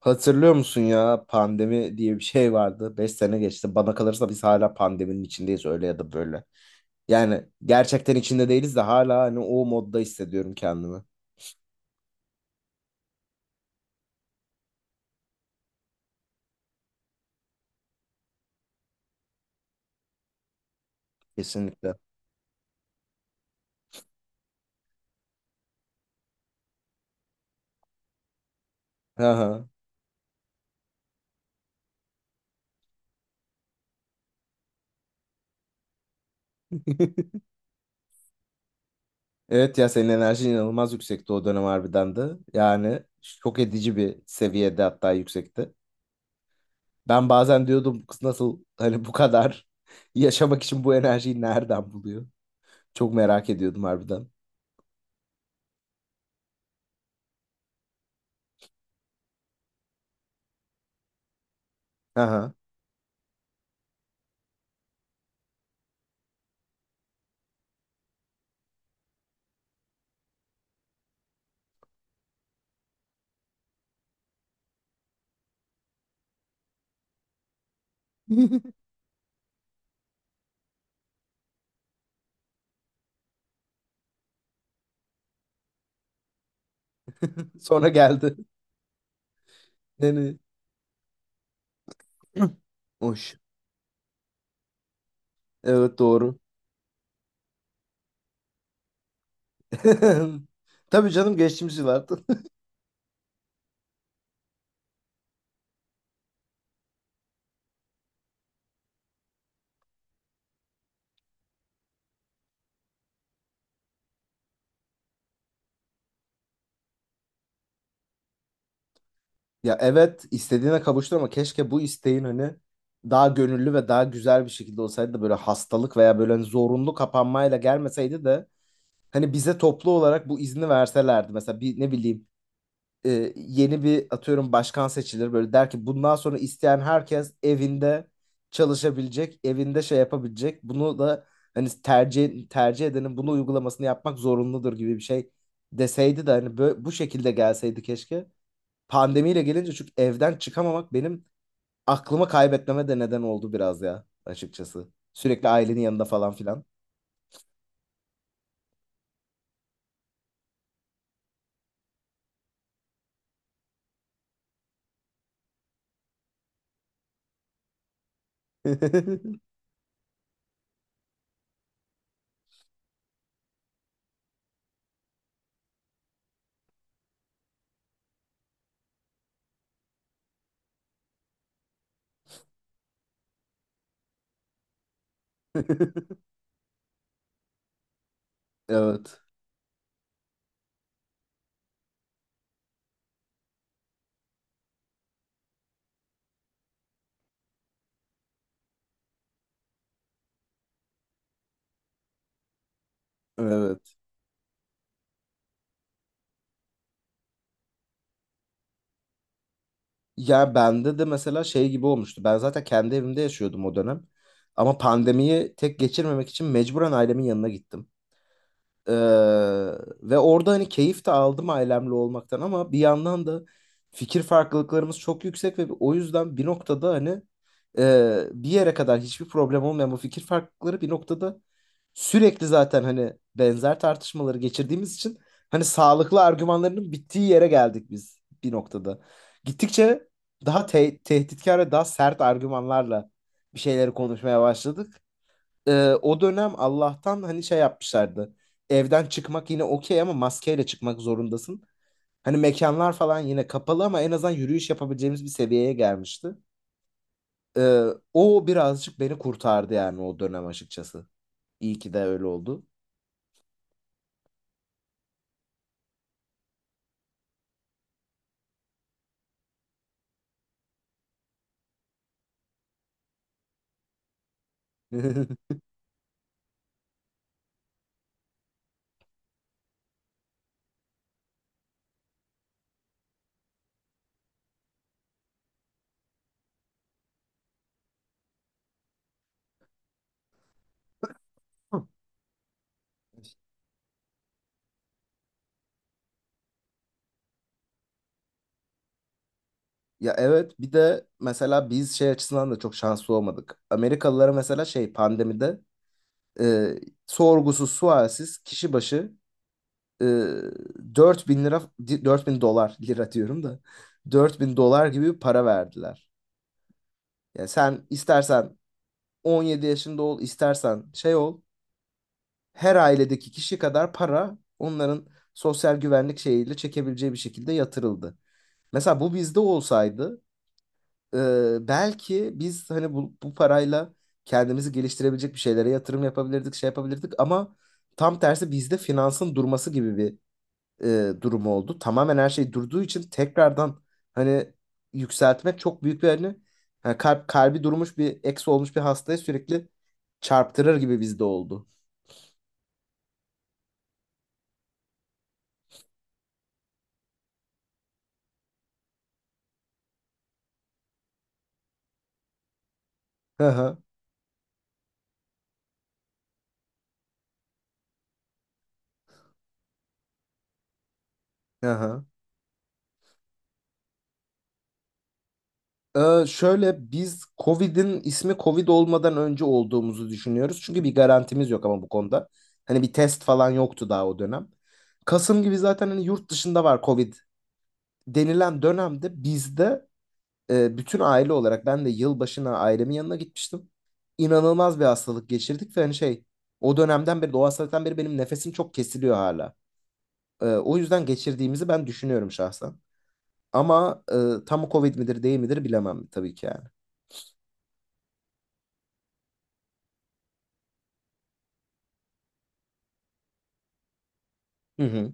Hatırlıyor musun ya, pandemi diye bir şey vardı. 5 sene geçti. Bana kalırsa biz hala pandeminin içindeyiz öyle ya da böyle. Yani gerçekten içinde değiliz de hala hani o modda hissediyorum kendimi. Kesinlikle. Aha. Evet ya, senin enerjin inanılmaz yüksekti o dönem harbiden de. Yani şok edici bir seviyede, hatta yüksekti. Ben bazen diyordum, "Bu kız nasıl hani bu kadar yaşamak için bu enerjiyi nereden buluyor?" Çok merak ediyordum harbiden. Aha. Sonra geldi. Yani hoş. Evet, doğru. Tabii canım, geçtiğimiz yıllardı. Ya evet, istediğine kavuştu ama keşke bu isteğin hani daha gönüllü ve daha güzel bir şekilde olsaydı da böyle hastalık veya böyle hani zorunlu kapanmayla gelmeseydi de hani bize toplu olarak bu izni verselerdi. Mesela bir ne bileyim, yeni bir, atıyorum, başkan seçilir böyle der ki bundan sonra isteyen herkes evinde çalışabilecek, evinde şey yapabilecek. Bunu da hani tercih edenin bunu uygulamasını yapmak zorunludur gibi bir şey deseydi de hani böyle, bu şekilde gelseydi keşke. Pandemiyle gelince çünkü evden çıkamamak benim aklımı kaybetmeme de neden oldu biraz ya, açıkçası. Sürekli ailenin yanında falan filan. Evet. Evet. Ya bende de mesela şey gibi olmuştu. Ben zaten kendi evimde yaşıyordum o dönem. Ama pandemiyi tek geçirmemek için mecburen ailemin yanına gittim. Ee, ve orada hani keyif de aldım ailemle olmaktan ama bir yandan da fikir farklılıklarımız çok yüksek ve o yüzden bir noktada hani, bir yere kadar hiçbir problem olmayan bu fikir farklılıkları bir noktada, sürekli zaten hani benzer tartışmaları geçirdiğimiz için hani sağlıklı argümanlarının bittiği yere geldik biz bir noktada. Gittikçe daha tehditkar ve daha sert argümanlarla bir şeyleri konuşmaya başladık. e, O dönem Allah'tan hani şey yapmışlardı. Evden çıkmak yine okey ama maskeyle çıkmak zorundasın. Hani mekanlar falan yine kapalı ama en azından yürüyüş yapabileceğimiz bir seviyeye gelmişti. E, O birazcık beni kurtardı yani o dönem, açıkçası. İyi ki de öyle oldu. Ya evet, bir de mesela biz şey açısından da çok şanslı olmadık. Amerikalılara mesela şey, pandemide, e, sorgusuz sualsiz kişi başı, e, 4.000 lira, 4.000 dolar, lira diyorum da, 4.000 dolar gibi bir para verdiler. Yani sen istersen 17 yaşında ol, istersen şey ol. Her ailedeki kişi kadar para onların sosyal güvenlik şeyiyle çekebileceği bir şekilde yatırıldı. Mesela bu bizde olsaydı, e, belki biz hani bu parayla kendimizi geliştirebilecek bir şeylere yatırım yapabilirdik, şey yapabilirdik ama tam tersi, bizde finansın durması gibi bir, durumu oldu. Tamamen her şey durduğu için tekrardan hani yükseltmek çok büyük bir hani, hani kalp, kalbi durmuş bir, eksi olmuş bir hastaya sürekli çarptırır gibi bizde oldu. Hı hı. Hı hı. Şöyle, biz Covid'in ismi Covid olmadan önce olduğumuzu düşünüyoruz. Çünkü bir garantimiz yok ama bu konuda. Hani bir test falan yoktu daha o dönem. Kasım gibi zaten hani yurt dışında var Covid denilen dönemde bizde, bütün aile olarak ben de yılbaşına ailemin yanına gitmiştim. İnanılmaz bir hastalık geçirdik ve hani şey, o dönemden beri, o hastalıktan beri benim nefesim çok kesiliyor hala. O yüzden geçirdiğimizi ben düşünüyorum şahsen. Ama tam Covid midir değil midir bilemem tabii ki yani. Hı hı.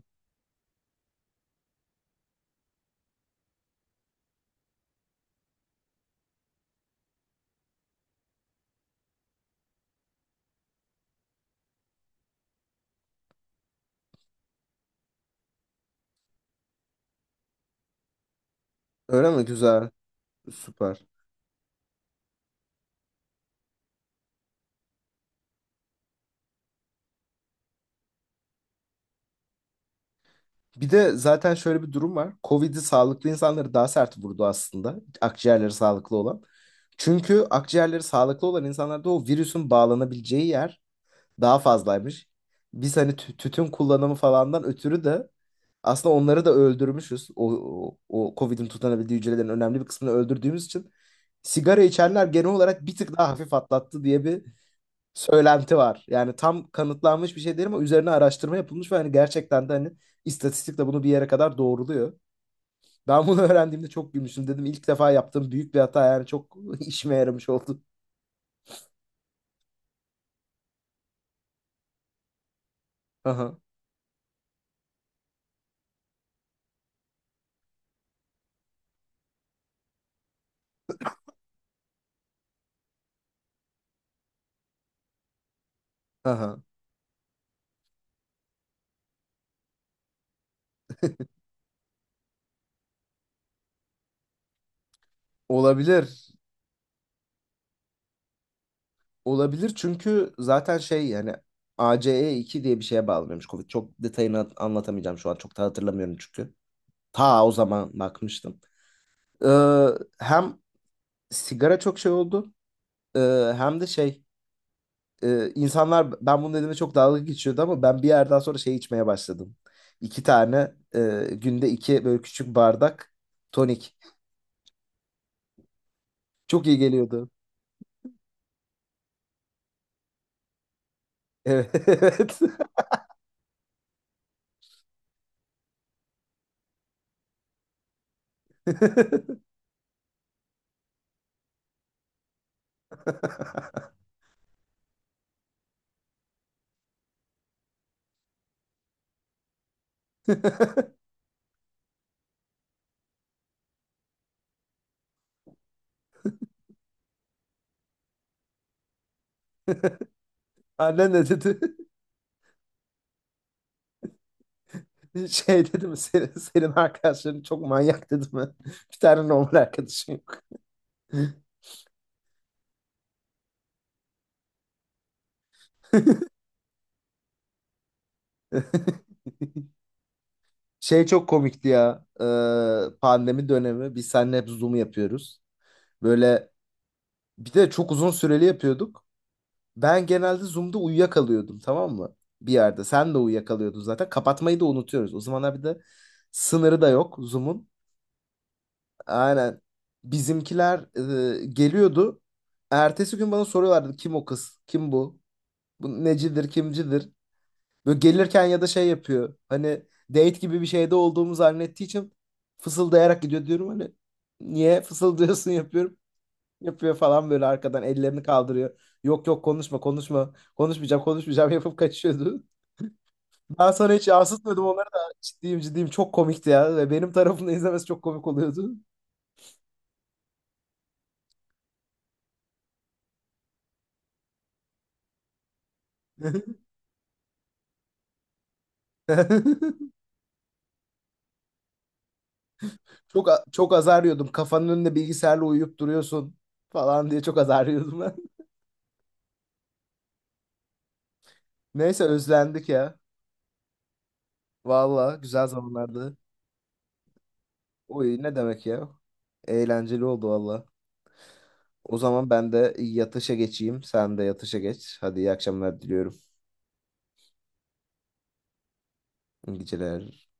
Öyle mi? Güzel. Süper. Bir de zaten şöyle bir durum var. Covid'i, sağlıklı insanları daha sert vurdu aslında. Akciğerleri sağlıklı olan. Çünkü akciğerleri sağlıklı olan insanlarda o virüsün bağlanabileceği yer daha fazlaymış. Biz hani tütün kullanımı falandan ötürü de aslında onları da öldürmüşüz. O COVID'in tutanabildiği hücrelerin önemli bir kısmını öldürdüğümüz için sigara içenler genel olarak bir tık daha hafif atlattı diye bir söylenti var. Yani tam kanıtlanmış bir şey değil ama üzerine araştırma yapılmış ve hani gerçekten de hani istatistik de bunu bir yere kadar doğruluyor. Ben bunu öğrendiğimde çok gülmüştüm. Dedim ilk defa yaptığım büyük bir hata yani çok işime yaramış oldu. Aha, aha. Olabilir. Olabilir çünkü zaten şey yani, ACE2 diye bir şeye bağlanıyormuş Covid. Çok detayını anlatamayacağım şu an. Çok da hatırlamıyorum çünkü. Ta o zaman bakmıştım. Ee, Hem sigara çok şey oldu, hem de şey, insanlar ben bunu dediğimde çok dalga geçiyordu ama ben bir yerden sonra şey içmeye başladım. İki tane, günde iki böyle küçük bardak tonik. Çok iyi geliyordu. Evet. Annen ne dedi? Şey dedi mi, senin, senin arkadaşların çok manyak dedi mi? Bir tane normal arkadaşım yok. Şey çok komikti ya. Pandemi dönemi biz seninle hep Zoom yapıyoruz. Böyle, bir de çok uzun süreli yapıyorduk. Ben genelde Zoom'da uyuyakalıyordum, tamam mı? Bir yerde. Sen de uyuyakalıyordun zaten. Kapatmayı da unutuyoruz. O zamanlar bir de sınırı da yok Zoom'un. Aynen. Bizimkiler, geliyordu. Ertesi gün bana soruyorlardı, kim o kız? Kim bu? Bu necidir, kimcidir. Böyle gelirken ya da şey yapıyor. Hani date gibi bir şeyde olduğumu zannettiği için fısıldayarak gidiyor diyorum hani. Niye fısıldıyorsun yapıyorum. Yapıyor falan, böyle arkadan ellerini kaldırıyor. Yok yok, konuşma konuşma. Konuşmayacağım konuşmayacağım yapıp kaçıyordu. Ben sonra hiç yansıtmadım onları da, ciddiyim ciddiyim, çok komikti ya. Ve benim tarafımda izlemesi çok komik oluyordu. Çok çok azar yiyordum. Kafanın önünde bilgisayarla uyuyup duruyorsun falan diye çok azar yiyordum ben. Neyse, özlendik ya. Valla güzel zamanlardı. Oy, ne demek ya? Eğlenceli oldu valla. O zaman ben de yatışa geçeyim. Sen de yatışa geç. Hadi, iyi akşamlar diliyorum. İyi geceler.